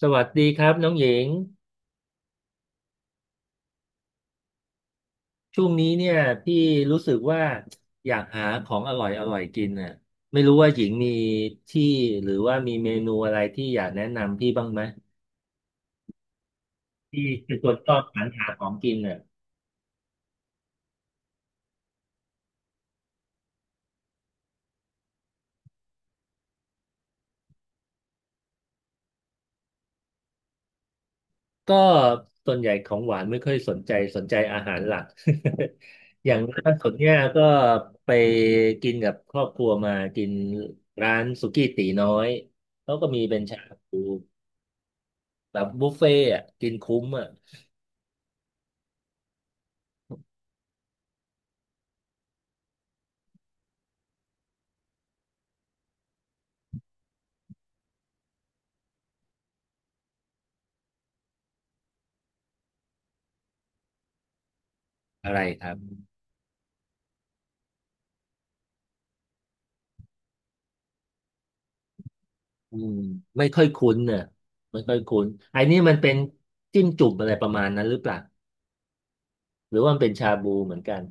สวัสดีครับน้องหญิงช่วงนี้เนี่ยพี่รู้สึกว่าอยากหาของอร่อยอร่อยกินน่ะไม่รู้ว่าหญิงมีที่หรือว่ามีเมนูอะไรที่อยากแนะนำพี่บ้างไหมพี่เป็นคนชอบสรรหาของกินน่ะก็ส่วนใหญ่ของหวานไม่ค่อยสนใจสนใจอาหารหลัก อย่างล่าสุดเนี่ยก็ไปกินกับครอบครัวมากินร้านสุกี้ตี๋น้อยเขาก็มีเป็นชาบูแบบบุฟเฟ่ต์อะกินคุ้มอ่ะอะไรครับ อืมไม่ค่อยคุ้นเนี่ยไม่ค่อยคุ้นไอ้นี่มันเป็นจิ้มจุ่มอะไรประมาณนั้นหรือเปล่าหรือว่ามันเป็นชาบูเหมือนกัน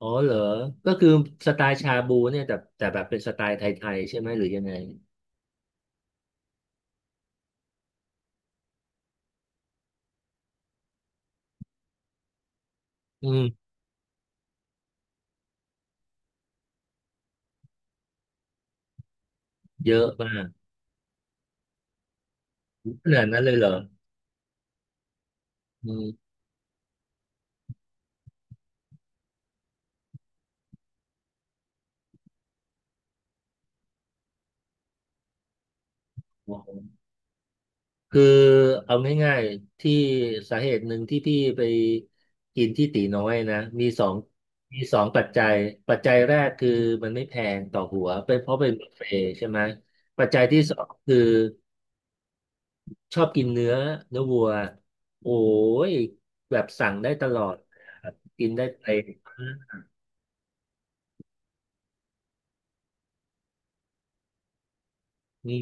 อ๋อเหรอก็คือสไตล์ชาบูเนี่ยแต่แบบเป็นสไตล์ไทยๆใช่ไหมหรือยังไงอืมเยอะมากขนาดนั้นเลยเหรออืมคือเอาง่ายๆที่สาเหตุหนึ่งที่พี่ไปกินที่ตีน้อยนะมีสองมีสองปัจจัยปัจจัยแรกคือมันไม่แพงต่อหัวเป็นเพราะเป็นบุฟเฟ่ต์ใช่ไหมปัจจัยที่ 2คือ ชอบกินเนื้อเนื้อวัวโอ้ย แบบสั่งได้ตลอดครับกินได้ไปนี่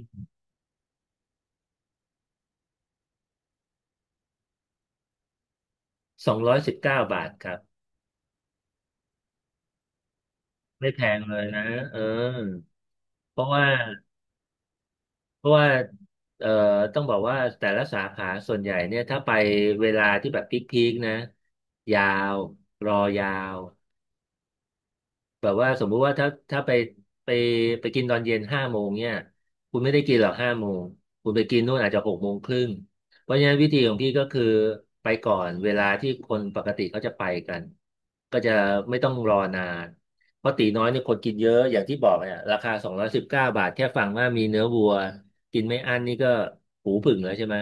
สองร้อยสิบเก้าบาทครับ ไม่แพงเลยนะเออเพราะว่าเพราะว่าเอ่อต้องบอกว่าแต่ละสาขาส่วนใหญ่เนี่ยถ้าไปเวลาที่แบบพีคๆนะ ยาว รอยาว แบบว่าสมมุติว่าถ้าไปไปกินตอนเย็นห้าโมงเนี่ยคุณไม่ได้กินหรอกห้าโมงคุณไปกินนู่นอาจจะ6 โมงครึ่งเพราะฉะนั้นวิธีของพี่ก็คือไปก่อนเวลาที่คนปกติเขาจะไปกันก็จะไม่ต้องรอนานเพราะตีน้อยนี่คนกินเยอะอย่างที่บอกเนี่ยราคาสองร้อยสิบเก้าบาทแค่ฟังว่ามีเนื้อวัวกินไม่อั้นนี่ก็หูผึ่งแล้วใช่ไหม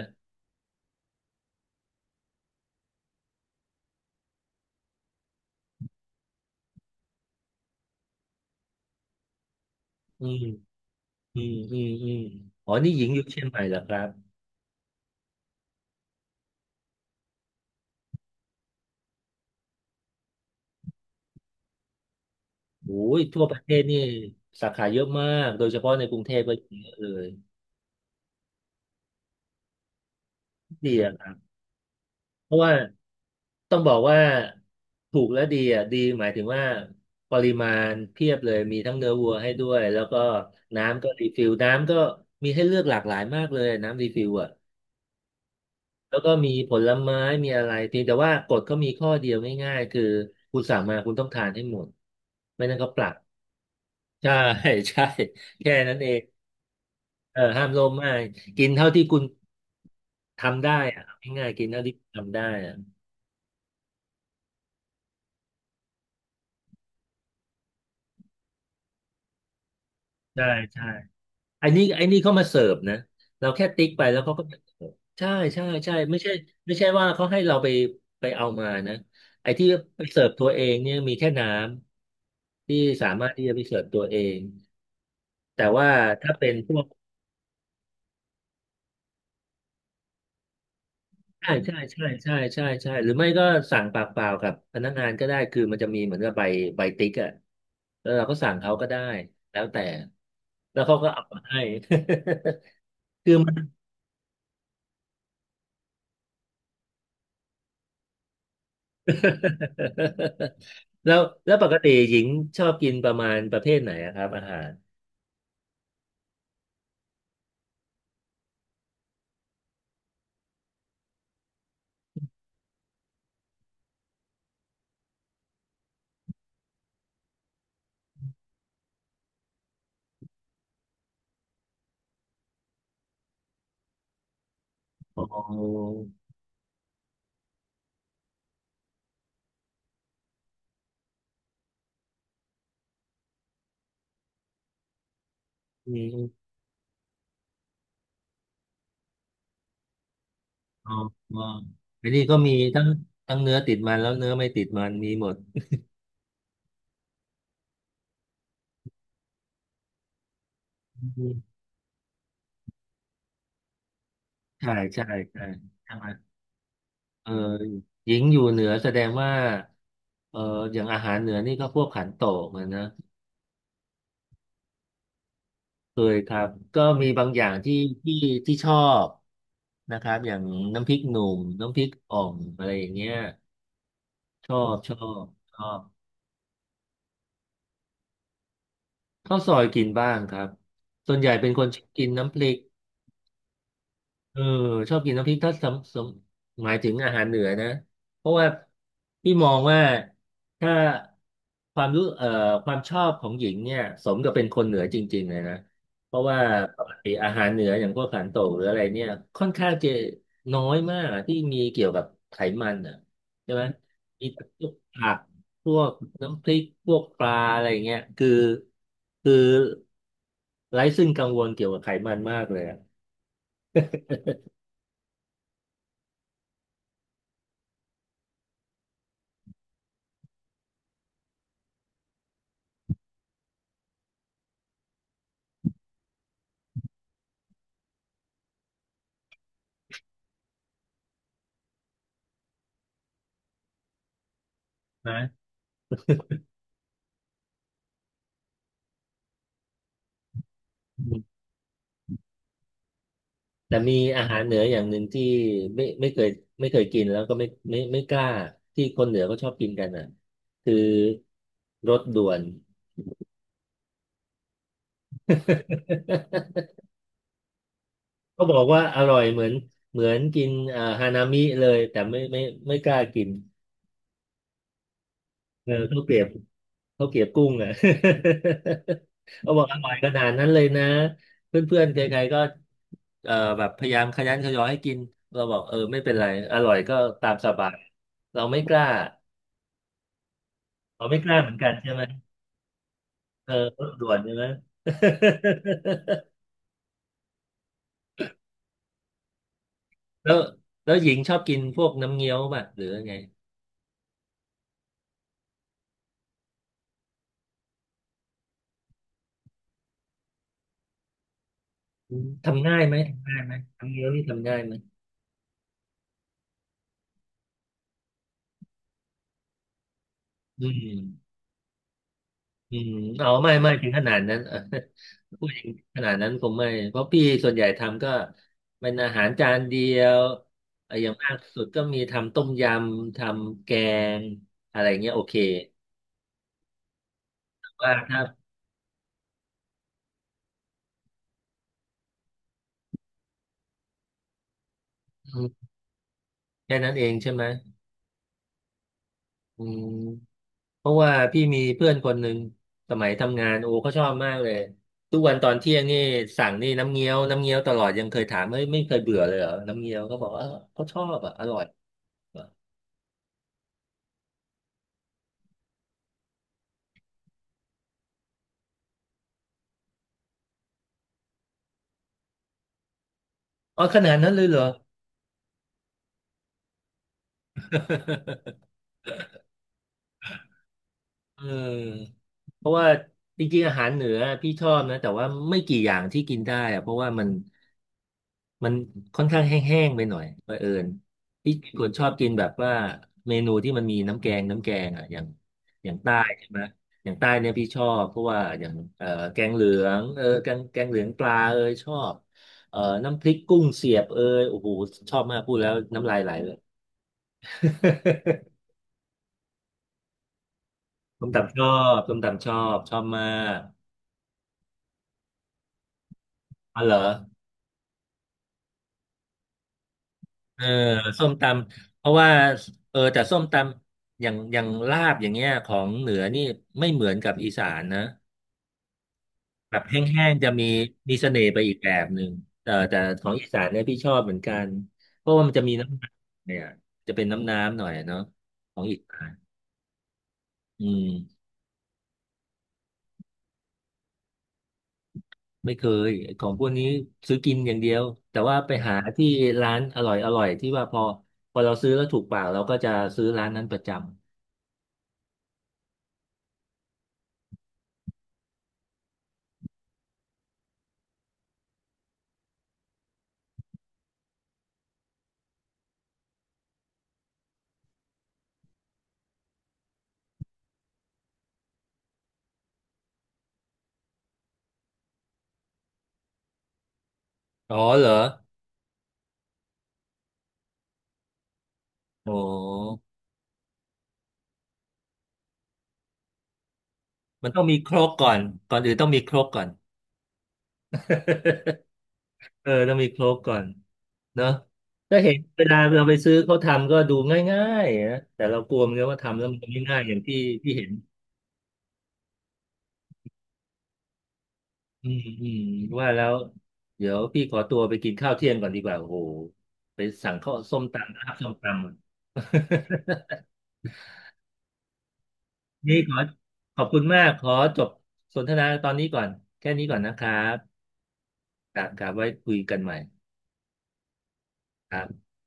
อืมอืมอืมอืมอ๋อนี่หญิงอยู่เชียงใหม่เหรอครับ โอ้ยทั่วประเทศนี่สาขาเยอะมากโดยเฉพาะในกรุงเทพก็เยอะเลยดีอะครับเพราะว่าต้องบอกว่าถูกและดีอะดีหมายถึงว่าปริมาณเพียบเลยมีทั้งเนื้อวัวให้ด้วยแล้วก็น้ำก็รีฟิลน้ำก็มีให้เลือกหลากหลายมากเลยน้ำรีฟิลอะแล้วก็มีผลไม้มีอะไรเพียงแต่ว่ากฎเขามีข้อเดียวง่ายๆคือคุณสั่งมาคุณต้องทานให้หมดไม่นั้นเขาปรับใช่ ใช่แค่นั้นเองเออห้ามโลภมากกินเท่าที่คุณ ทำได้อะง่ายๆกินเท่าที่ทำได้อะใช่ใช่ไอ้นี่เขามาเสิร์ฟนะเราแค่ติ๊กไปแล้วเขาก็มาเสิร์ฟใช่ใช่ใช่ไม่ใช่ไม่ใช่ว่าเขาให้เราไปไปเอามานะไอ้ที่ไปเสิร์ฟตัวเองเนี่ยมีแค่น้ำที่สามารถที่จะไปเสิร์ฟตัวเองแต่ว่าถ้าเป็นพวกใช่ใช่ใช่ใช่ใช่ใช่หรือไม่ก็สั่งปากเปล่ากับพนักงานก็ได้คือมันจะมีเหมือนกับใบติ๊กอะแล้วเราก็สั่งเขาก็ได้แล้วแต่แล้วเขาก็เอามาให้ คือมัน แล้วปกติหญิงชอบกินประมาณประเภทไหนอะครับอาหารอ๋อมีอ๋ออ๋อไอ้นนี่ก็มีทั้งเนื้อติดมันแล้วเนื้อไม่ติดมันมีหมดอืมใช่ใช่ใช่ใช่ไหมเออหญิงอยู่เหนือแสดงว่าเอออย่างอาหารเหนือนี่ก็พวกขันโตกเหมือนนะเคยครับก็มีบางอย่างที่ที่ชอบนะครับอย่างน้ำพริกหนุ่มน้ำพริกอ่อมอะไรอย่างเงี้ย ชอบชอบชอบข้าวซอยกินบ้างครับส่วนใหญ่เป็นคนชอบกินน้ำพริก เออชอบกินน้ำพริกถ้าหมายถึงอาหารเหนือนะเพราะว่าพี่มองว่าถ้าความรู้เอ่อความชอบของหญิงเนี่ยสมกับเป็นคนเหนือจริงๆเลยนะเพราะว่าปกติอาหารเหนืออย่างพวกขันโตกหรืออะไรเนี่ยค่อนข้างจะน้อยมากอะที่มีเกี่ยวกับไขมันอ่ะใช่ไหมมีแต่พวกผักพวกน้ำพริกพวกปลาอะไรเงี้ยคือคือไร้ซึ่งกังวลเกี่ยวกับไขมันมากเลยอะนะ แต่มีอาหารเหนืออย่างหนึ่งที่ไม่ไม่เคยไม่เคยกินแล้วก็ไม่กล้าที่คนเหนือก็ชอบกินกันอ่ะคือรสด่วน ก็บอกว่าอร่อยเหมือนกินอ่าฮานามิเลยแต่ไม่กล้ากินเออข้าวเกรียบข้าวเกรียบกุ้งอ่ะ เขาบอกอร่อยขนาดนั้นเลยนะเพื่อนๆใครๆก็แบบพยายามขยันขยอให้กินเราบอกเออไม่เป็นไรอร่อยก็ตามสบายเราไม่กล้าเราไม่กล้าเหมือนกันใช่ไหม เออรสด่วนใช่ไหม แล้วแล้วหญิงชอบกินพวกน้ำเงี้ยวป่ะหรือไงอืมทำง่ายไหมน้ำเงี้ยวนี่ทำง่ายไหมอืมอืมเอาไม่ถึงขนาดนั้น เออผู้หญิงขนาดนั้นคงไม่เพราะพี่ส่วนใหญ่ทำก็เป็นอาหารจานเดียวเอออย่างมากสุดก็มีทำต้มยำทำแกงอะไรเงี้ยโอเคว่าถ้าอืมแค่นั้นเองใช่ไหมอืม เพราะว่าพี่มีเพื่อนคนหนึ่งสมัยทำงานโอ้เขาชอบมากเลยทุกวันตอนเที่ยงนี่สั่งนี่น้ำเงี้ยวตลอดยังเคยถามไม่เคยเบื่อเลยเหรอน้ำเงี้ยวเขาบอกว่าเออเขาชอบอ่ะอร่อยอ๋อขนาดนั้นเลยเหรอ เออเพราะว่าจริงๆอาหารเหนือพี่ชอบนะแต่ว่าไม่กี่อย่างที่กินได้อะเพราะว่ามัน มันค่อนข้างแห้งๆไปหน่อยบังเอิญพี่คนชอบกินแบบว่าเมนูที่มันมีน้ำแกงอ่ะอย่างใต้ใช่ไหมอย่างใต้เนี่ยพี่ชอบเพราะว่าอย่างแกงเหลืองเออแกงเหลืองปลาเอยชอบเอ่อน้ำพริกกุ้งเสียบเอยโอ้โหชอบมากพูดแล้วน้ำลายไหลเลย ส้มตำชอบส้มตำชอบมากอ๋อเหรอ เออส้มตำเพราะว่าเออแต่ส้มตำอย่างลาบอย่างเงี้ยของเหนือนี่ไม่เหมือนกับอีสานนะแบบแห้งๆจะมีเสน่ห์ไปอีกแบบหนึ่งเออแต่ของอีสานเนี่ยพี่ชอบเหมือนกันเพราะว่ามันจะมีน้ำเนี่ยจะเป็นน้ำหน่อยเนาะของอีสานอืมไม่เคยของพวกนี้ซื้อกินอย่างเดียวแต่ว่าไปหาที่ร้านอร่อยที่ว่าพอเราซื้อแล้วถูกปากเราก็จะซื้อร้านนั้นประจำอ๋อเหรอโอ้ มันต้องมีโครกก่อนก่อนอื่นต้องมีโครกก่อน เออต้องมีโครกก่อนเนอะก็เห็นเวลาเราไปซื้อเขาทำก็ดูง่ายๆนะแต่เรากลัวมันว่าทำแล้วมันไม่ง่ายอย่างที่ที่เห็นอืมอืมว่าแล้วเดี๋ยวพี่ขอตัวไปกินข้าวเที่ยงก่อนดีกว่าโอ้โหไปสั่งข้าวส้มตำนะครับส้มตำ นี่ขอบคุณมากขอจบสนทนาตอนนี้ก่อนแค่นี้ก่อนนะครับครับไว้คุยกันใหม่ครับ